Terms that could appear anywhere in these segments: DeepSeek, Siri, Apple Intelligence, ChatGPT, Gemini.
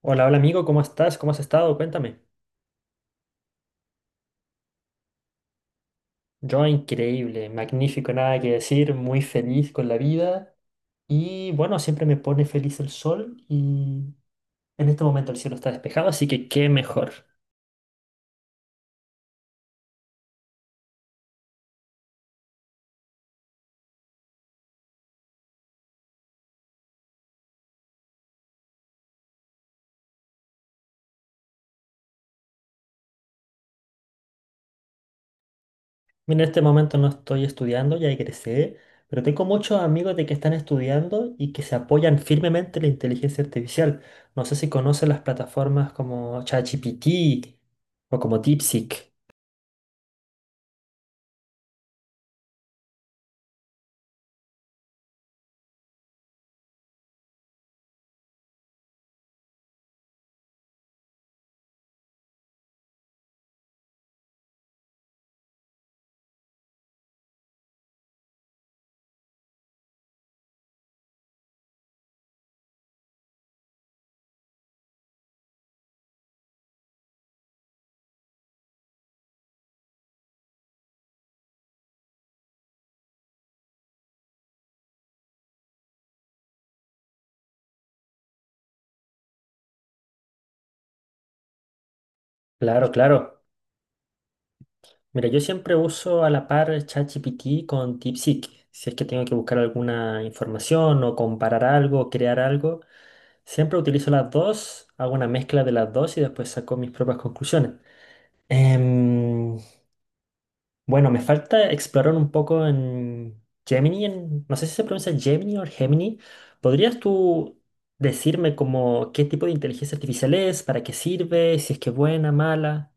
Hola, hola amigo, ¿cómo estás? ¿Cómo has estado? Cuéntame. Yo increíble, magnífico, nada que decir, muy feliz con la vida y bueno, siempre me pone feliz el sol y en este momento el cielo está despejado, así que qué mejor. Mira, en este momento no estoy estudiando, ya egresé, pero tengo muchos amigos de que están estudiando y que se apoyan firmemente en la inteligencia artificial. No sé si conocen las plataformas como ChatGPT o como DeepSeek. Claro, claro. Mira, yo siempre uso a la par ChatGPT con DeepSeek. Si es que tengo que buscar alguna información o comparar algo crear algo, siempre utilizo las dos, hago una mezcla de las dos y después saco mis propias conclusiones. Em, bueno, me falta explorar un poco en Gemini, no sé si se pronuncia Gemini o Gemini. ¿Podrías tú decirme como qué tipo de inteligencia artificial es, para qué sirve, si es que es buena, mala?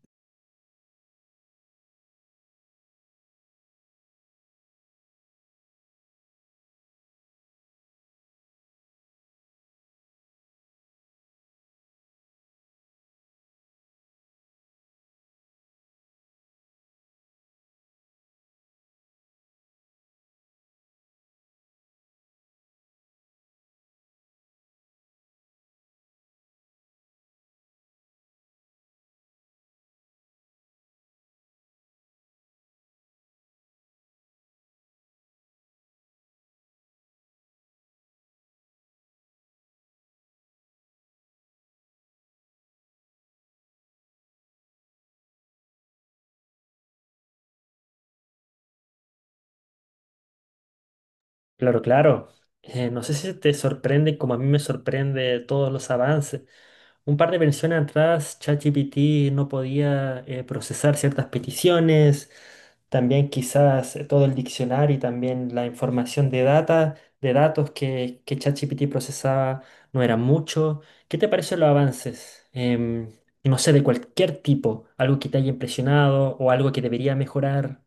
Claro, claro. No sé si te sorprende, como a mí me sorprende todos los avances. Un par de versiones atrás, ChatGPT no podía procesar ciertas peticiones, también quizás todo el diccionario y también la información de data, de datos que ChatGPT procesaba no era mucho. ¿Qué te parecen los avances? No sé, de cualquier tipo, algo que te haya impresionado o algo que debería mejorar.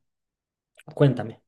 Cuéntame.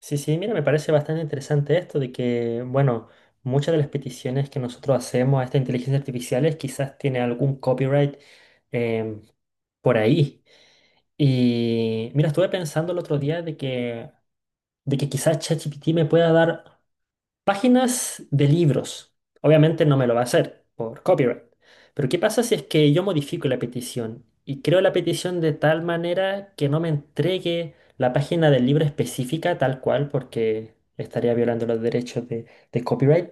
Sí, sí, mira, me parece bastante interesante esto de que, bueno, muchas de las peticiones que nosotros hacemos a esta inteligencia artificial quizás tiene algún copyright em, por ahí. Y mira, estuve pensando el otro día de que quizás ChatGPT me pueda dar páginas de libros. Obviamente no me lo va a hacer por copyright. Pero ¿qué pasa si es que yo modifico la petición y creo la petición de tal manera que no me entregue la página del libro específica tal cual porque estaría violando los derechos de copyright?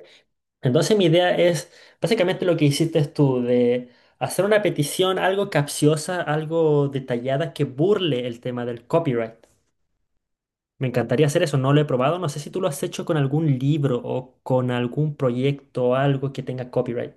Entonces mi idea es básicamente lo que hiciste tú de hacer una petición algo capciosa, algo detallada que burle el tema del copyright. Me encantaría hacer eso, no lo he probado. No sé si tú lo has hecho con algún libro o con algún proyecto o algo que tenga copyright.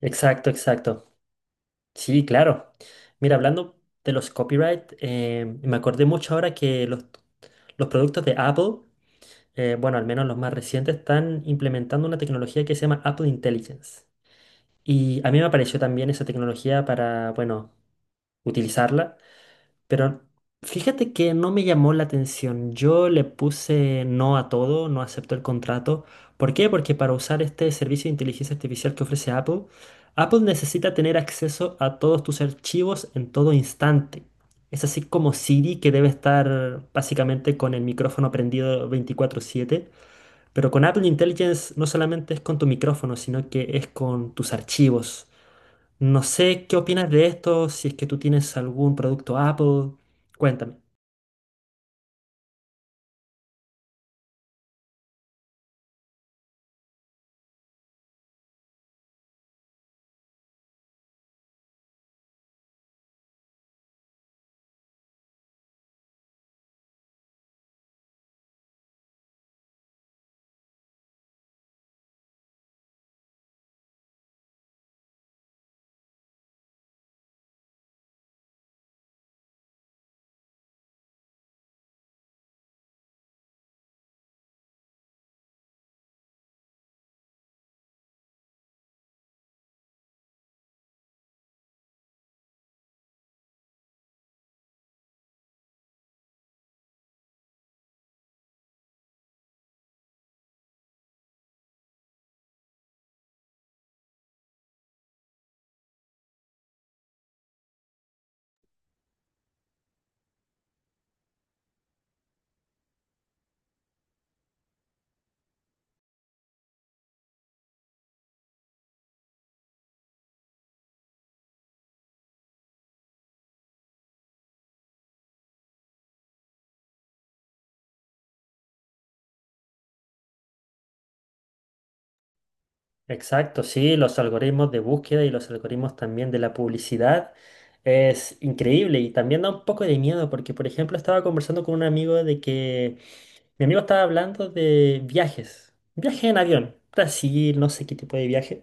Exacto, exacto. Sí, claro. Mira, hablando de los copyright, me acordé mucho ahora que los productos de Apple, bueno, al menos los más recientes, están implementando una tecnología que se llama Apple Intelligence. Y a mí me apareció también esa tecnología para, bueno, utilizarla. Pero fíjate que no me llamó la atención. Yo le puse no a todo, no acepto el contrato. ¿Por qué? Porque para usar este servicio de inteligencia artificial que ofrece Apple, Apple necesita tener acceso a todos tus archivos en todo instante. Es así como Siri, que debe estar básicamente con el micrófono prendido 24/7. Pero con Apple Intelligence no solamente es con tu micrófono, sino que es con tus archivos. No sé qué opinas de esto, si es que tú tienes algún producto Apple, cuéntame. Exacto, sí, los algoritmos de búsqueda y los algoritmos también de la publicidad es increíble y también da un poco de miedo porque, por ejemplo, estaba conversando con un amigo de que mi amigo estaba hablando de viajes, viaje en avión, Brasil, no sé qué tipo de viaje.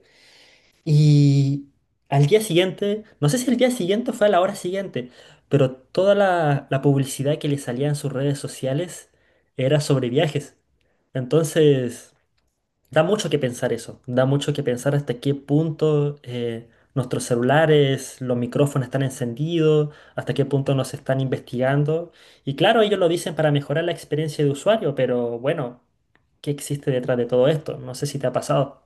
Y al día siguiente, no sé si el día siguiente o fue a la hora siguiente, pero toda la publicidad que le salía en sus redes sociales era sobre viajes. Entonces, da mucho que pensar eso, da mucho que pensar hasta qué punto nuestros celulares, los micrófonos están encendidos, hasta qué punto nos están investigando. Y claro, ellos lo dicen para mejorar la experiencia de usuario, pero bueno, ¿qué existe detrás de todo esto? No sé si te ha pasado.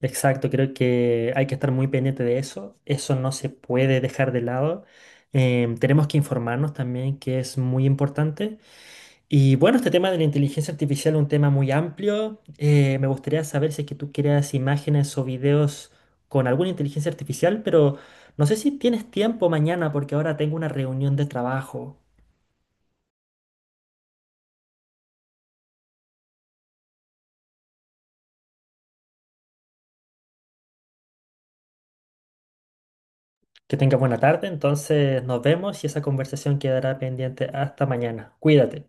Exacto, creo que hay que estar muy pendiente de eso, eso no se puede dejar de lado. Tenemos que informarnos también, que es muy importante. Y bueno, este tema de la inteligencia artificial es un tema muy amplio. Me gustaría saber si es que tú creas imágenes o videos con alguna inteligencia artificial, pero no sé si tienes tiempo mañana porque ahora tengo una reunión de trabajo. Que tenga buena tarde, entonces nos vemos y esa conversación quedará pendiente hasta mañana. Cuídate.